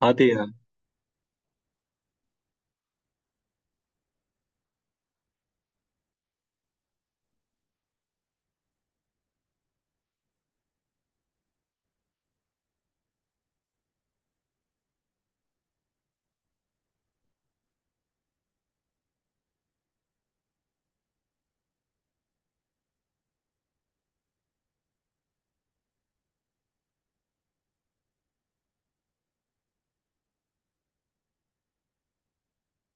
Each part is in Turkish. Hadi ya.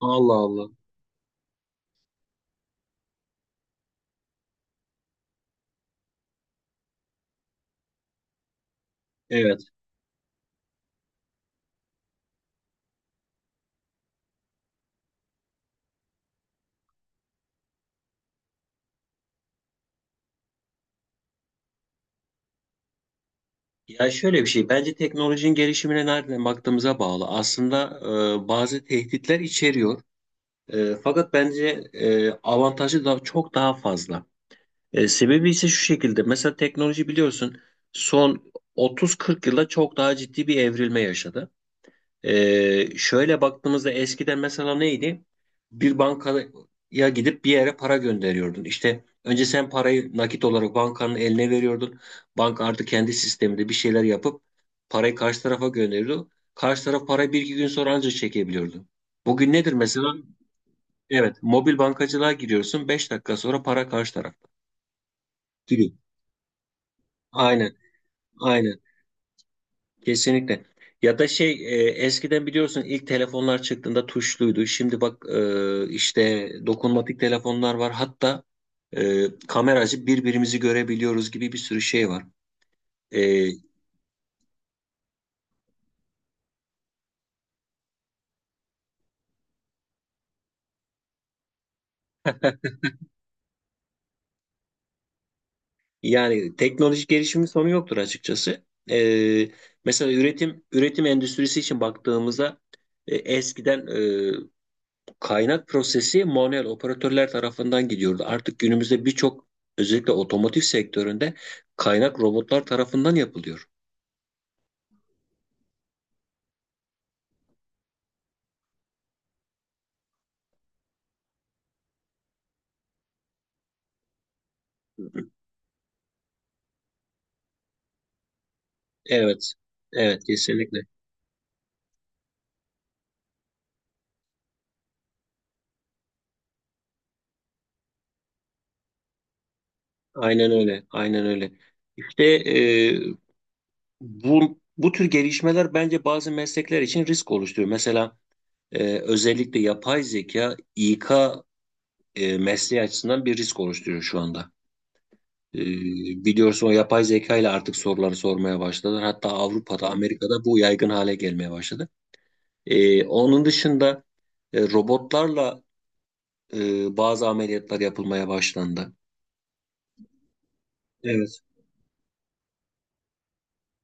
Allah Allah. Evet. Ya şöyle bir şey. Bence teknolojinin gelişimine nereden baktığımıza bağlı. Aslında bazı tehditler içeriyor. Fakat bence avantajı da çok daha fazla. Sebebi ise şu şekilde. Mesela teknoloji biliyorsun son 30-40 yılda çok daha ciddi bir evrilme yaşadı. Şöyle baktığımızda eskiden mesela neydi? Bir bankaya gidip bir yere para gönderiyordun. İşte önce sen parayı nakit olarak bankanın eline veriyordun. Banka artık kendi sisteminde bir şeyler yapıp parayı karşı tarafa gönderiyordu. Karşı taraf parayı bir iki gün sonra ancak çekebiliyordu. Bugün nedir mesela? Evet, mobil bankacılığa giriyorsun. Beş dakika sonra para karşı tarafta. Giriyor. Aynen, aynen. Kesinlikle. Ya da şey eskiden biliyorsun ilk telefonlar çıktığında tuşluydu. Şimdi bak işte dokunmatik telefonlar var. Hatta kameracı birbirimizi görebiliyoruz gibi bir sürü şey var. E, Yani teknolojik gelişimin sonu yoktur açıkçası. E, Mesela üretim endüstrisi için baktığımızda eskiden kaynak prosesi manuel operatörler tarafından gidiyordu. Artık günümüzde birçok özellikle otomotiv sektöründe kaynak robotlar tarafından yapılıyor. Evet, evet, kesinlikle. Aynen öyle, aynen öyle. İşte bu tür gelişmeler bence bazı meslekler için risk oluşturuyor. Mesela özellikle yapay zeka İK mesleği açısından bir risk oluşturuyor şu anda. Ee, Biliyorsun o yapay zeka ile artık soruları sormaya başladılar. Hatta Avrupa'da, Amerika'da bu yaygın hale gelmeye başladı. Onun dışında robotlarla bazı ameliyatlar yapılmaya başlandı. Evet.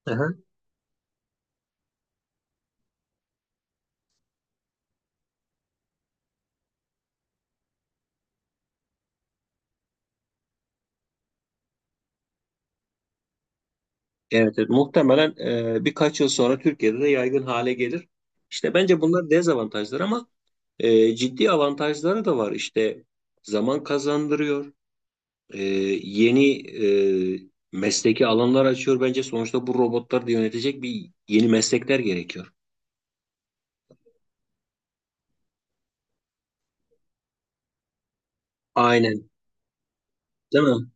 Aha. Evet, evet. Muhtemelen birkaç yıl sonra Türkiye'de de yaygın hale gelir. İşte bence bunlar dezavantajlar ama ciddi avantajları da var. İşte zaman kazandırıyor. e, yeni e, mesleki alanlar açıyor bence. Sonuçta bu robotlar da yönetecek bir yeni meslekler gerekiyor. Aynen, değil mi?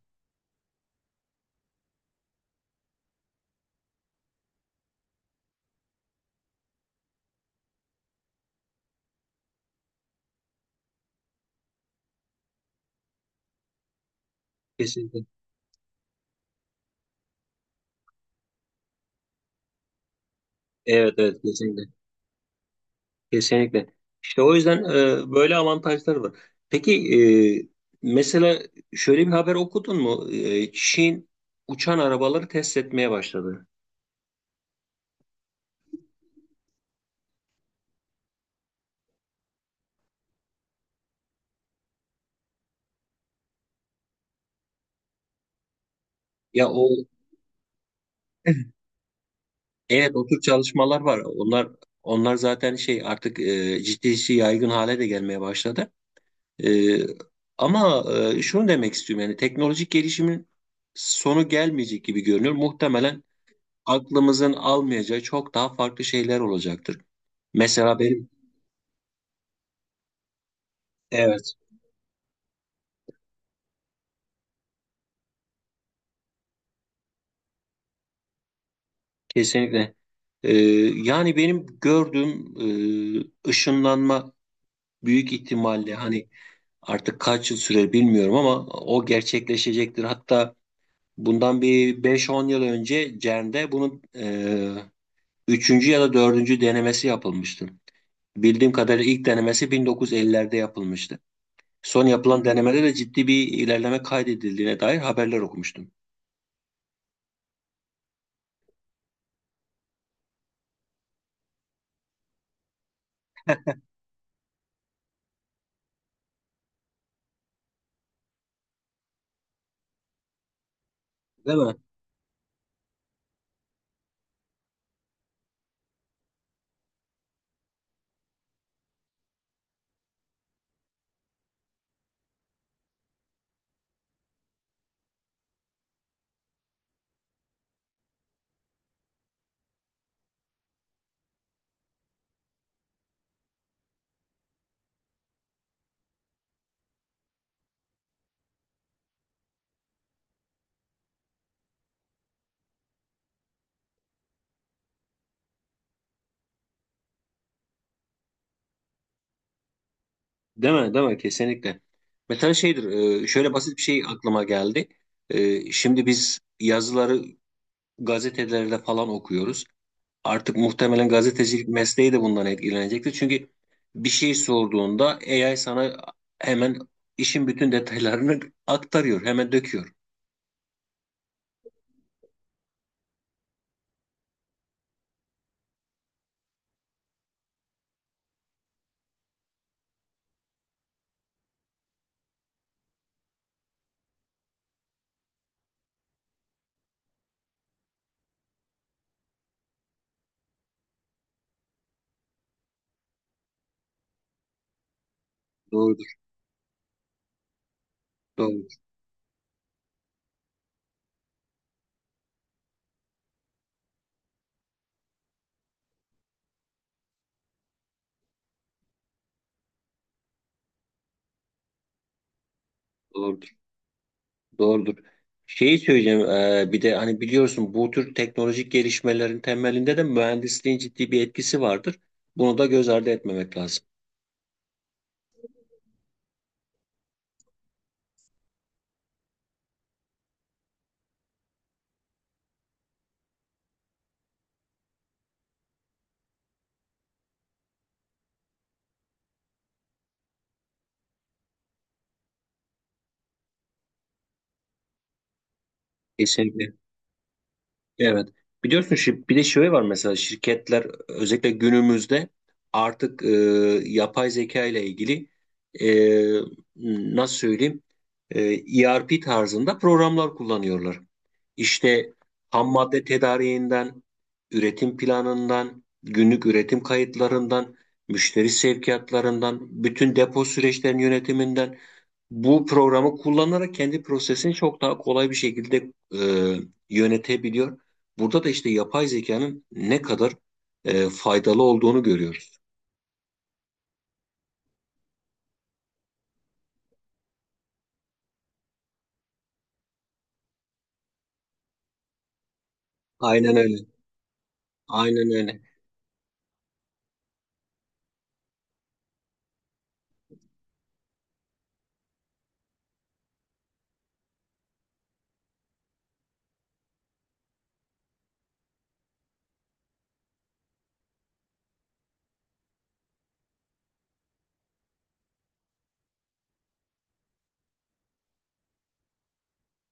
Kesinlikle. Evet, evet, kesinlikle. Kesinlikle. İşte o yüzden böyle avantajlar var. Peki e, mesela şöyle bir haber okudun mu? Çin uçan arabaları test etmeye başladı. Ya, o, evet, o tür çalışmalar var. Onlar zaten şey artık ciddi ciddi yaygın hale de gelmeye başladı. Ee, ama şunu demek istiyorum yani teknolojik gelişimin sonu gelmeyecek gibi görünüyor. Muhtemelen aklımızın almayacağı çok daha farklı şeyler olacaktır. Mesela benim, evet, kesinlikle. Ee, Yani benim gördüğüm ışınlanma büyük ihtimalle hani artık kaç yıl sürer bilmiyorum ama o gerçekleşecektir. Hatta bundan bir beş on yıl önce CERN'de bunun üçüncü ya da dördüncü denemesi yapılmıştı. Bildiğim kadarıyla ilk denemesi 1950'lerde yapılmıştı. Son yapılan denemede de ciddi bir ilerleme kaydedildiğine dair haberler okumuştum. Değil mi? Değil mi? Değil mi? Kesinlikle. Mesela şeydir, şöyle basit bir şey aklıma geldi. Şimdi biz yazıları gazetelerde falan okuyoruz. Artık muhtemelen gazetecilik mesleği de bundan etkilenecektir. Çünkü bir şey sorduğunda AI sana hemen işin bütün detaylarını aktarıyor, hemen döküyor. Doğrudur, doğrudur, doğrudur, doğrudur. Şeyi söyleyeceğim, bir de hani biliyorsun bu tür teknolojik gelişmelerin temelinde de mühendisliğin ciddi bir etkisi vardır. Bunu da göz ardı etmemek lazım. Kesinlikle. Evet. Biliyorsun bir de şey var mesela şirketler özellikle günümüzde artık yapay zeka ile ilgili nasıl söyleyeyim e, ERP tarzında programlar kullanıyorlar. İşte ham madde tedariğinden, üretim planından, günlük üretim kayıtlarından, müşteri sevkiyatlarından, bütün depo süreçlerinin yönetiminden bu programı kullanarak kendi prosesini çok daha kolay bir şekilde e, yönetebiliyor. Burada da işte yapay zekanın ne kadar faydalı olduğunu görüyoruz. Aynen öyle. Aynen öyle.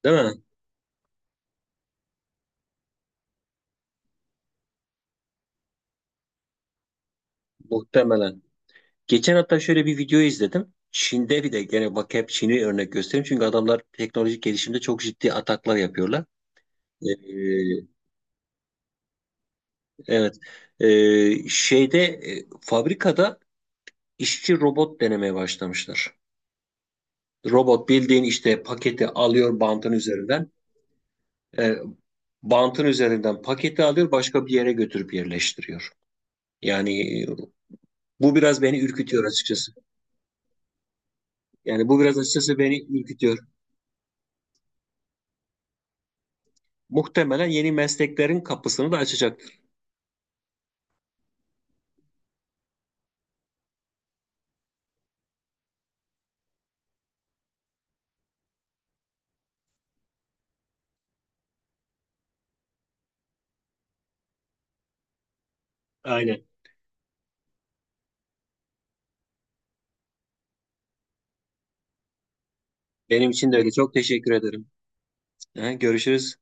Değil mi? Muhtemelen. Geçen hatta şöyle bir video izledim. Çin'de bir de gene bak hep Çin'i örnek göstereyim. Çünkü adamlar teknolojik gelişimde çok ciddi ataklar yapıyorlar. Ee, evet. Fabrikada işçi robot denemeye başlamışlar. Robot bildiğin işte paketi alıyor bantın üzerinden. E, Bantın üzerinden paketi alıyor başka bir yere götürüp yerleştiriyor. Yani bu biraz beni ürkütüyor açıkçası. Yani bu biraz açıkçası beni ürkütüyor. Muhtemelen yeni mesleklerin kapısını da açacaktır. Aynen. Benim için de öyle. Çok teşekkür ederim. Ha, görüşürüz.